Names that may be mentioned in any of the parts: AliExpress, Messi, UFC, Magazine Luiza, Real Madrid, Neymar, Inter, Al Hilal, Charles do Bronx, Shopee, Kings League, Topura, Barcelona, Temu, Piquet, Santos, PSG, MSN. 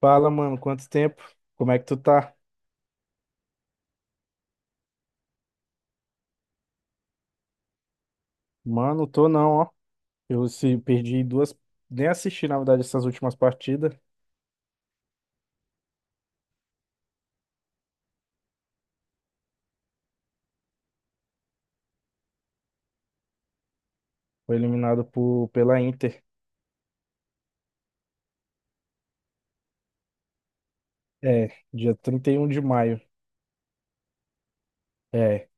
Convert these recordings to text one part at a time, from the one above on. Fala, mano, quanto tempo? Como é que tu tá? Mano, tô não, ó. Eu se perdi duas, nem assisti, na verdade, essas últimas partidas. Foi eliminado por, pela Inter. É, dia 31 de maio. É,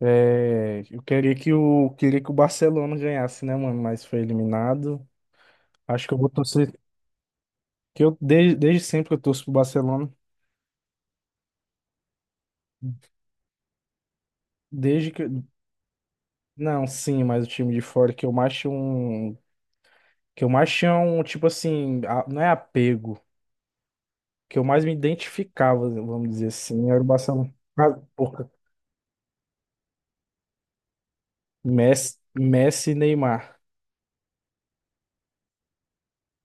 é, eu queria que o Barcelona ganhasse, né, mano? Mas foi eliminado. Acho que eu vou torcer, que eu desde sempre que eu torço pro Barcelona. Desde que, não, sim, mas o time de fora que eu mais tinha um, que eu mais tinha um, tipo assim, não é apego. Que eu mais me identificava, vamos dizer assim, era o Barcelona. Ah, porra, Messi e Neymar.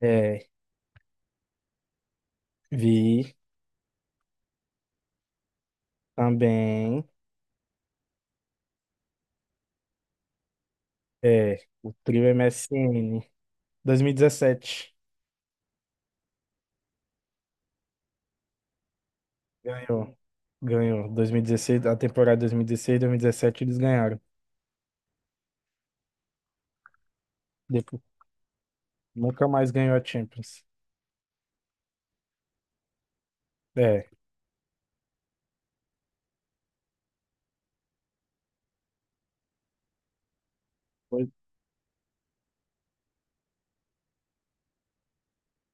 É, vi também. É, o trio MSN. 2017. Ganhou. Ganhou. 2016, a temporada 2016, 2017 eles ganharam. Depois, nunca mais ganhou a Champions. É. foi-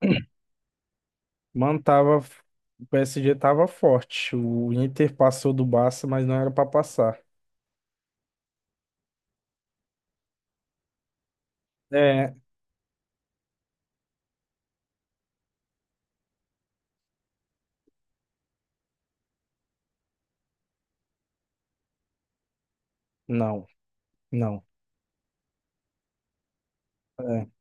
Mano, tava, o PSG tava forte. O Inter passou do Barça, mas não era pra passar. É, não, não. É.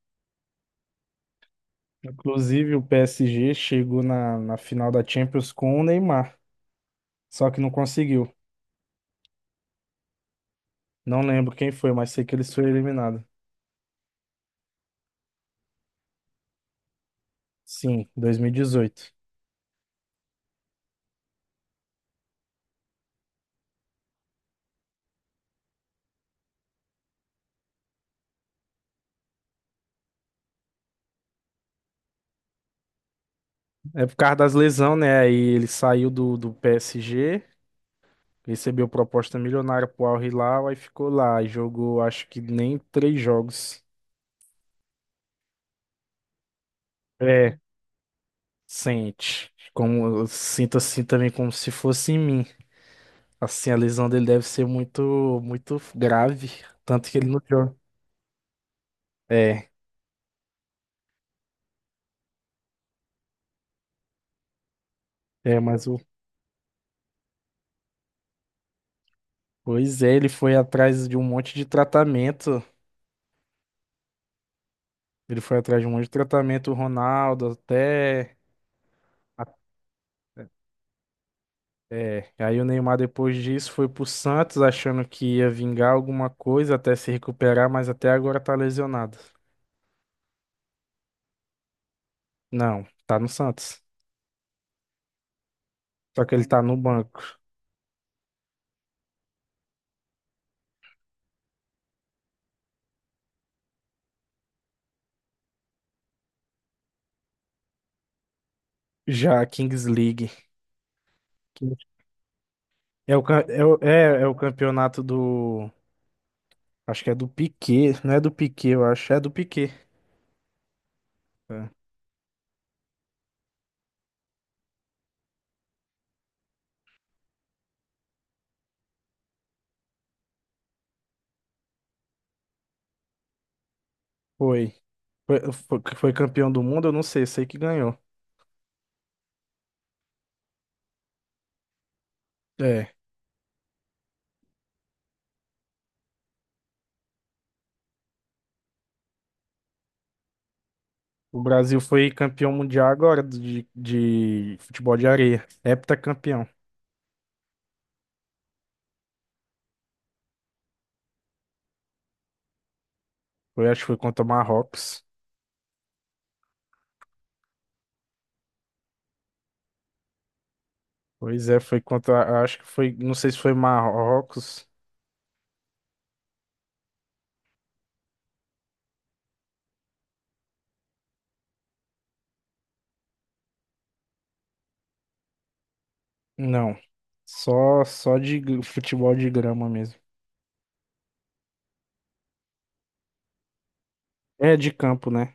Inclusive, o PSG chegou na final da Champions com o Neymar, só que não conseguiu. Não lembro quem foi, mas sei que eles foram eliminados. Sim, 2018. É por causa das lesões, né? Aí ele saiu do PSG, recebeu proposta milionária pro Al Hilal, aí ficou lá e jogou acho que nem 3 jogos. É, sente. Como, eu sinto assim também como se fosse em mim. Assim, a lesão dele deve ser muito, muito grave, tanto que ele não joga. É. É, mas pois é, ele foi atrás de um monte de tratamento. Ele foi atrás de um monte de tratamento, o Ronaldo, até. até- É. Aí o Neymar, depois disso, foi pro Santos, achando que ia vingar alguma coisa até se recuperar, mas até agora tá lesionado. Não, tá no Santos. Só que ele tá no banco. Já, a Kings League. Que É o, é o campeonato do. Acho que é do Piquet. Não é do Piquet, eu acho. É do Piquet. É. Foi. Foi campeão do mundo, eu não sei, sei que ganhou. É. O Brasil foi campeão mundial agora de futebol de areia. Heptacampeão. Foi, acho que foi contra o Marrocos. Pois é, foi contra. Acho que foi. Não sei se foi Marrocos. Não. Só, só futebol de grama mesmo. É de campo, né?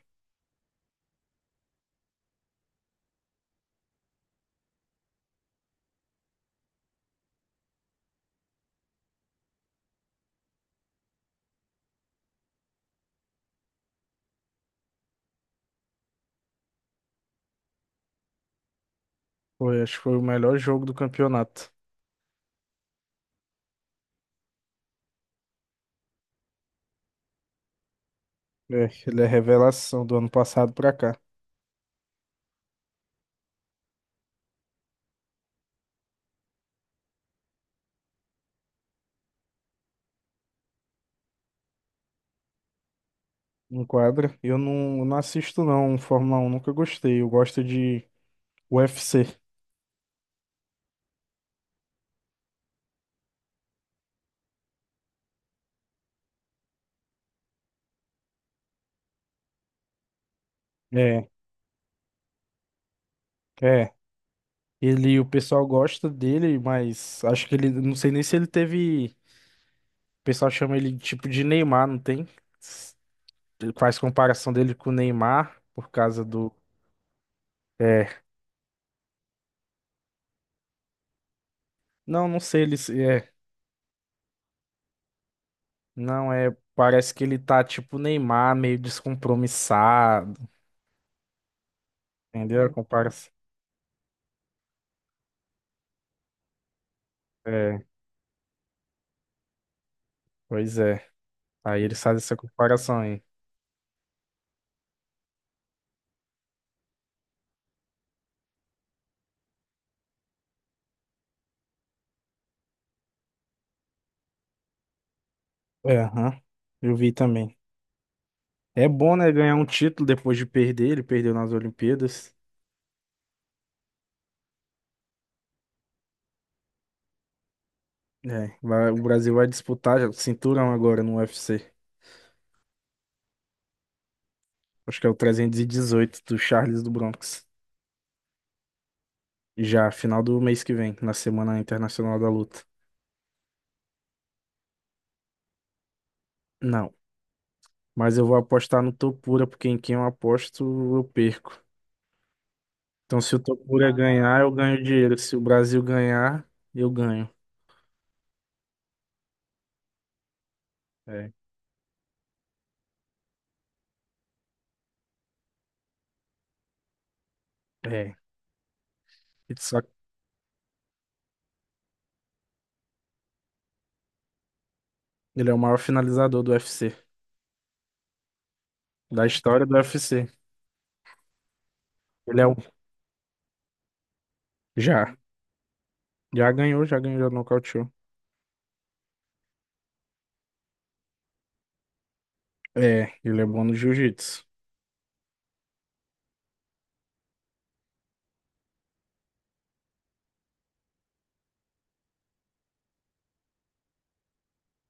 Foi, acho que foi o melhor jogo do campeonato. É, ele é revelação do ano passado pra cá. Enquadra. Eu não assisto, não, Fórmula um nunca gostei. Eu gosto de UFC. É, é. Ele, o pessoal gosta dele, mas acho que ele, não sei nem se ele teve, o pessoal chama ele de tipo de Neymar, não tem? S- Faz comparação dele com o Neymar por causa do, é, não, não sei ele, é, não, é, parece que ele tá tipo Neymar, meio descompromissado, entendeu? A comparação. É, pois é. Aí ele faz essa comparação aí. É, aham. Eu vi também. É bom, né, ganhar um título depois de perder, ele perdeu nas Olimpíadas. É, o Brasil vai disputar já o cinturão agora no UFC. Acho que é o 318 do Charles do Bronx. Já, final do mês que vem, na Semana Internacional da Luta. Não, mas eu vou apostar no Topura, porque em quem eu aposto, eu perco. Então, se o Topura ganhar, eu ganho dinheiro. Se o Brasil ganhar, eu ganho. É. É. Só que ele é o maior finalizador do UFC, da história do UFC. Ele é o... Já. Já ganhou, já nocauteou. É, ele é bom no jiu-jitsu.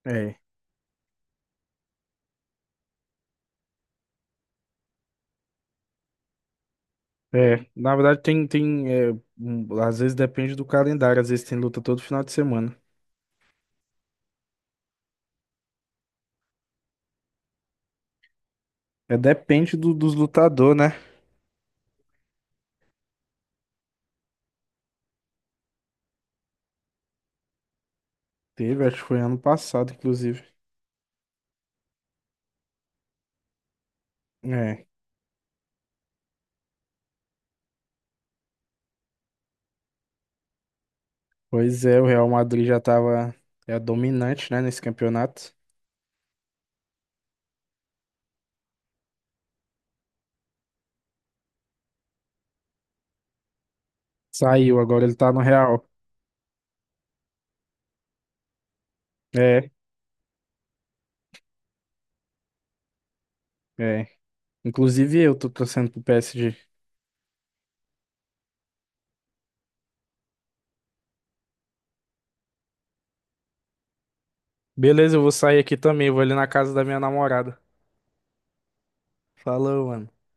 É. É, na verdade tem é, um, às vezes depende do calendário, às vezes tem luta todo final de semana. É, depende dos lutador, né? Teve, acho que foi ano passado, inclusive. É, pois é, o Real Madrid já tava é dominante, né, nesse campeonato. Saiu, agora ele tá no Real. É, é. Inclusive eu tô torcendo pro PSG. Beleza, eu vou sair aqui também, eu vou ali na casa da minha namorada. Falou, mano.